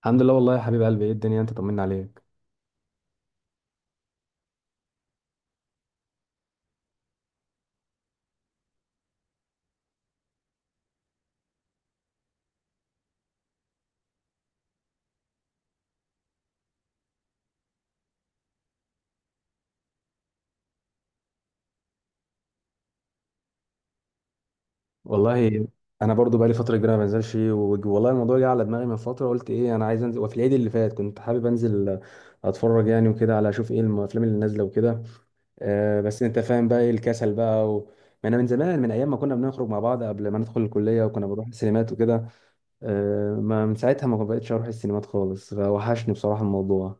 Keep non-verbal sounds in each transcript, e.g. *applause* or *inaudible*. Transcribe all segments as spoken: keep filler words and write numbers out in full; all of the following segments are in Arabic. الحمد لله والله يا حبيب قلبي، ايه الدنيا؟ انت طمنا عليك. والله انا برضو بقالي فتره كبيره ما بنزلش وج- والله الموضوع جه على دماغي من فتره، قلت ايه، انا عايز انزل، وفي العيد اللي فات كنت حابب انزل اتفرج يعني وكده، على اشوف ايه الافلام اللي نازله وكده. آه بس انت فاهم بقى ايه الكسل بقى و... ما انا من زمان، من ايام ما كنا بنخرج مع بعض قبل ما ندخل الكليه، وكنا بنروح السينمات وكده. آه ما من ساعتها ما بقتش اروح السينمات خالص، فوحشني بصراحه الموضوع.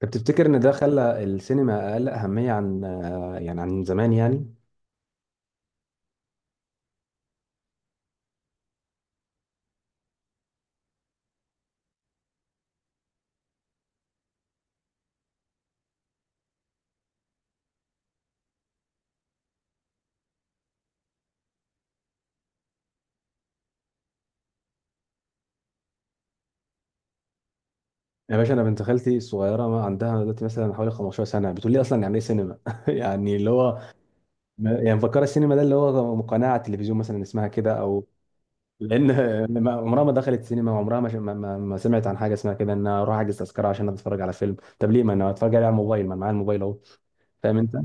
طب تفتكر ان ده خلى السينما اقل اهميه عن آه يعني عن زمان يعني؟ يا باشا، انا بنت خالتي الصغيره ما عندها دلوقتي مثلا حوالي خمستاشر سنه بتقول لي اصلا يعني ايه سينما؟ *laughs* يعني اللي هو يعني مفكره السينما ده اللي هو قناه على التلفزيون مثلا اسمها كده او، لان *laughs* ما- عمرها ما دخلت سينما، وعمرها ما, ش- ما, ما ما سمعت عن حاجه اسمها كده ان أنا اروح احجز تذكره عشان اتفرج على فيلم. طب ليه ما انا اتفرج عليه على الموبايل؟ ما أنا معايا الموبايل اهو. فاهم انت؟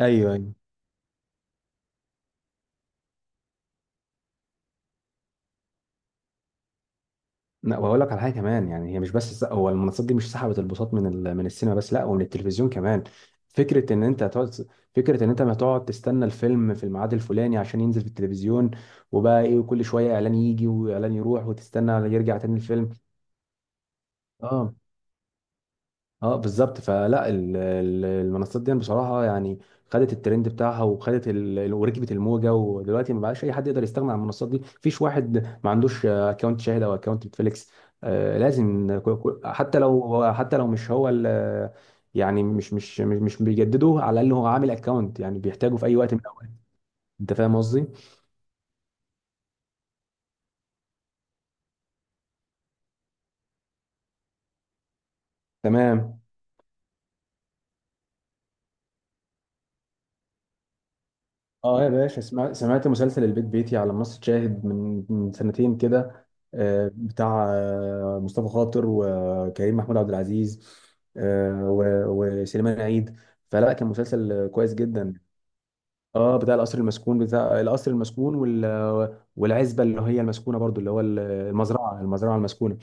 ايوه ايوه. لا، وهقول لك على حاجه كمان. يعني هي مش بس الس- هو المنصات دي مش سحبت البساط من ال- من السينما بس، لا ومن التلفزيون كمان. فكره ان انت هتقعد، فكره ان انت ما تقعد تستنى الفيلم في الميعاد الفلاني عشان ينزل في التلفزيون، وبقى ايه وكل شويه اعلان يجي واعلان يروح وتستنى يرجع تاني الفيلم. اه اه بالظبط. فلا ال- ال- المنصات دي بصراحه يعني خدت الترند بتاعها وخدت ال... ال- وركبت الموجه، ودلوقتي ما بقاش اي حد يقدر يستغنى عن المنصات دي، مفيش واحد ما عندوش اكونت شاهد او اكونت نتفليكس. آه لازم كو- كو- حتى لو، حتى لو مش هو ال... يعني مش مش مش مش بيجددوه، على الاقل هو عامل اكونت يعني بيحتاجه في اي وقت من الاوقات. انت فاهم قصدي؟ تمام. اه يا باشا سمع- سمعت مسلسل البيت بيتي على منصة شاهد من من سنتين كده، آه، بتاع آه، مصطفى خاطر وكريم محمود عبد العزيز، آه، و- وسليمان عيد. فلا كان مسلسل كويس جدا. اه بتاع القصر المسكون، بتاع القصر المسكون وال- والعزبة اللي هي المسكونة برضو، اللي هو المزرعة المزرعة المسكونة.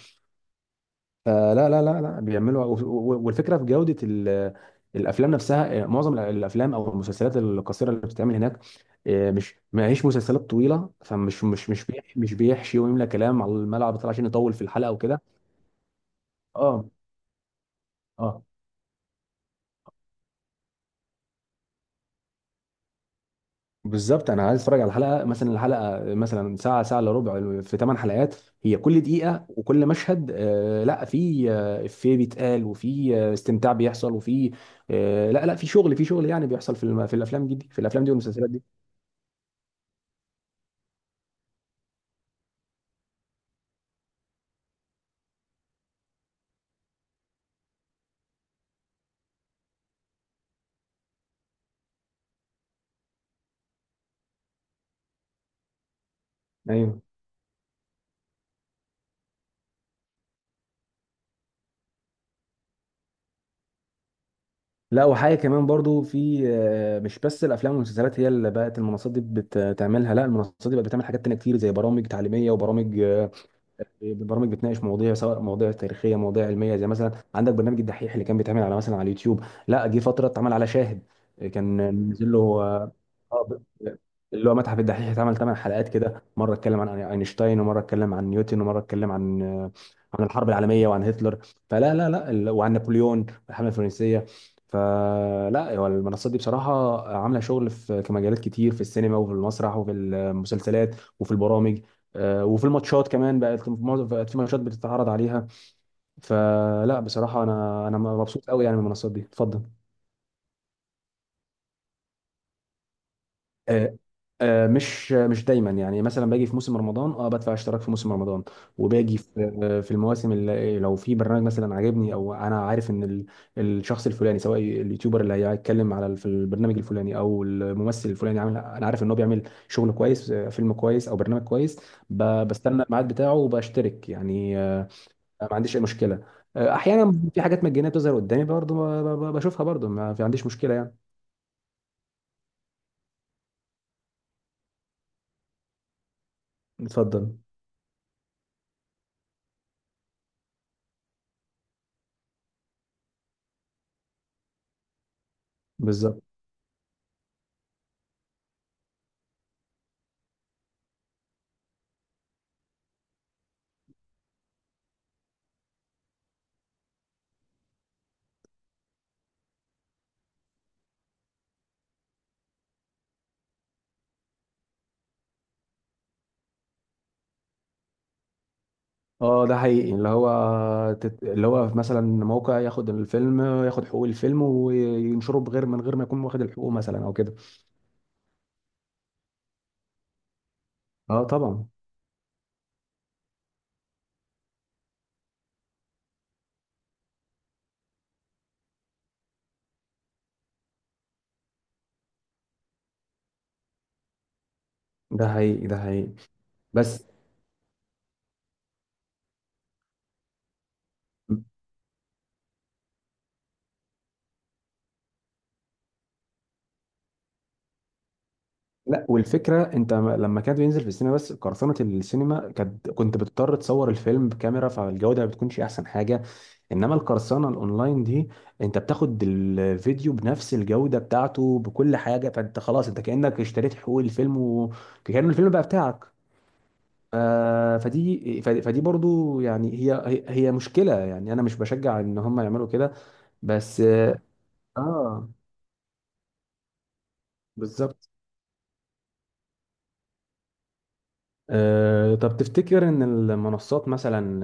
فلا لا لا لا بيعملوا، و- و- والفكره في جوده ال- الافلام نفسها. آه، معظم الافلام او المسلسلات القصيره اللي بتتعمل هناك، آه، مش ما هيش مسلسلات طويله، فمش مش مش بيح- مش بيحشي ويملى كلام على الملعب بتاع عشان يطول في الحلقه وكده. اه اه بالظبط. انا عايز اتفرج على حلقه مثلا، الحلقه مثلا ساعه، ساعه الا ربع، في ثمان حلقات. هي كل دقيقه وكل مشهد آه لا، في آه، افيه بيتقال وفي آه، استمتاع بيحصل وفي آه لا لا، في شغل، في شغل يعني بيحصل في الم- في الافلام دي دي- في الافلام دي والمسلسلات دي. ايوه لا، وحاجه كمان برضو في، آه، مش بس الافلام والمسلسلات هي اللي بقت المنصات دي بتعملها، لا، المنصات دي بقت بتعمل حاجات تانية كتير زي برامج تعليميه وبرامج، آه، البرامج بتناقش مواضيع، سواء مواضيع تاريخيه، مواضيع علميه، زي مثلا عندك برنامج الدحيح اللي كان بيتعمل على مثلا على اليوتيوب، لا جه فتره اتعمل على شاهد. كان نزل له آه، آه، اللي هو متحف الدحيح، اتعمل ثمان حلقات كده. مره اتكلم عن اينشتاين، ومره اتكلم عن نيوتن، ومره اتكلم عن آه، عن الحرب العالميه وعن هتلر. فلا لا لا ال- وعن نابليون والحمله الفرنسيه. فلا هو المنصات دي بصراحه عامله شغل في في مجالات كتير، في السينما وفي المسرح وفي المسلسلات وفي البرامج، آه، وفي الماتشات كمان، بقت معظم- بقت في ماتشات بتتعرض عليها. فلا بصراحه انا انا مبسوط قوي يعني من المنصات دي. اتفضل. آه، آه، مش مش دايما يعني. مثلا باجي في موسم رمضان، اه بدفع اشتراك في موسم رمضان، وباجي في آه، في المواسم اللي لو في برنامج مثلا عاجبني، او انا عارف ان ال- الشخص الفلاني، سواء اليوتيوبر اللي هيتكلم على ال- في البرنامج الفلاني، او الممثل الفلاني. عامل، انا عارف ان هو بيعمل شغل كويس، آه، فيلم كويس او برنامج كويس، ب- بستنى الميعاد بتاعه وبشترك يعني. آه، آه، ما عنديش اي مشكله. آه، احيانا في حاجات مجانيه بتظهر قدامي برضه، ب- ب- بشوفها برضه، ما في عنديش مشكله يعني. اتفضل. بالظبط. اه ده حقيقي، اللي هو تت... اللي هو مثلا موقع ياخد الفيلم، ياخد حقوق الفيلم وينشره بغير، من غير ما يكون واخد الحقوق مثلا او كده. اه طبعا. ده حقيقي، ده حقيقي. بس لا والفكره، انت م- لما كان بينزل في السينما بس، قرصنه السينما كانت كنت بتضطر تصور الفيلم بكاميرا، فالجوده ما بتكونش احسن حاجه. انما القرصنه الاونلاين دي، انت بتاخد الفيديو بنفس الجوده بتاعته بكل حاجه، فانت خلاص انت كانك اشتريت حقوق الفيلم وكأن الفيلم بقى بتاعك. ف- فدي ف- فدي برضو يعني، هي هي هي مشكله يعني، انا مش بشجع ان هم يعملوا كده بس. اه آه، بالظبط. آه طب تفتكر ان المنصات مثلا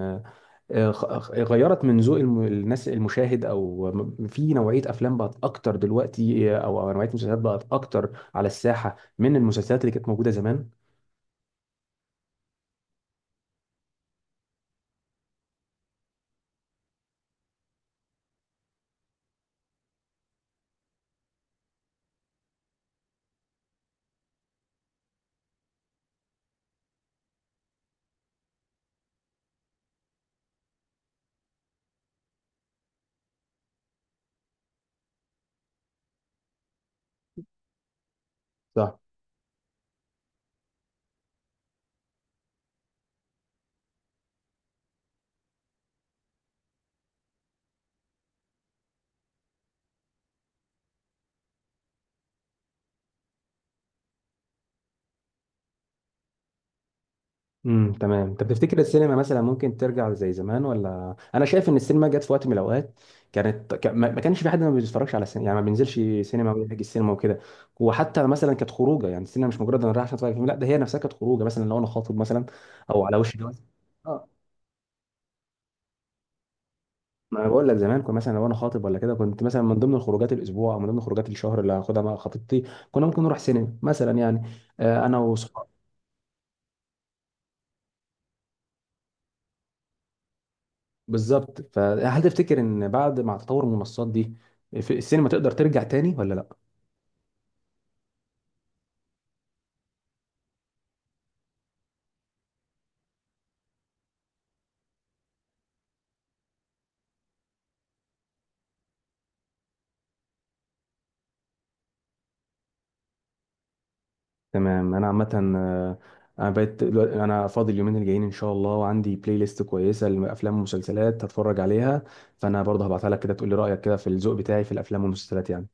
غ- غيرت من ذوق الم- الناس المشاهد، او م- في نوعيه افلام بقت اكتر دلوقتي، او أو نوعيه مسلسلات بقت اكتر على الساحه من المسلسلات اللي كانت موجوده زمان؟ صح. امم تمام. طب تفتكر السينما مثلا ممكن ترجع زي زمان؟ ولا انا شايف ان السينما جت في وقت من الاوقات كانت ك- ما ما كانش في حد ما بيتفرجش على السينما، يعني ما بينزلش سينما ويحج السينما وكده. وحتى مثلا كانت خروجه، يعني السينما مش مجرد انا رايح عشان اتفرج على فيلم، لا ده هي نفسها كانت خروجه، مثلا لو انا خاطب مثلا او على وش جواز. ما انا بقول لك زمان كنت مثلا لو انا خاطب ولا كده، كنت مثلا من ضمن الخروجات الاسبوع او من ضمن خروجات الشهر اللي هاخدها مع خطيبتي، كنا ممكن نروح سينما مثلا يعني. آه، انا وصحابي. بالظبط. فهل تفتكر ان بعد مع تطور المنصات دي في السينما تقدر ترجع تاني ولا لا؟ تمام. انا عامه آه، انا بقيت دلوقتي- انا فاضي اليومين الجايين ان شاء الله، وعندي بلاي ليست كويسه لافلام ومسلسلات هتفرج عليها. فانا برضه هبعتها لك كده، تقول لي رايك كده في الذوق بتاعي في الافلام والمسلسلات يعني.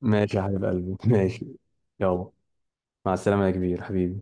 ماشي يا حبيب قلبي. *laughs* ماشي. يلا. مع السلامه يا كبير، حبيبي.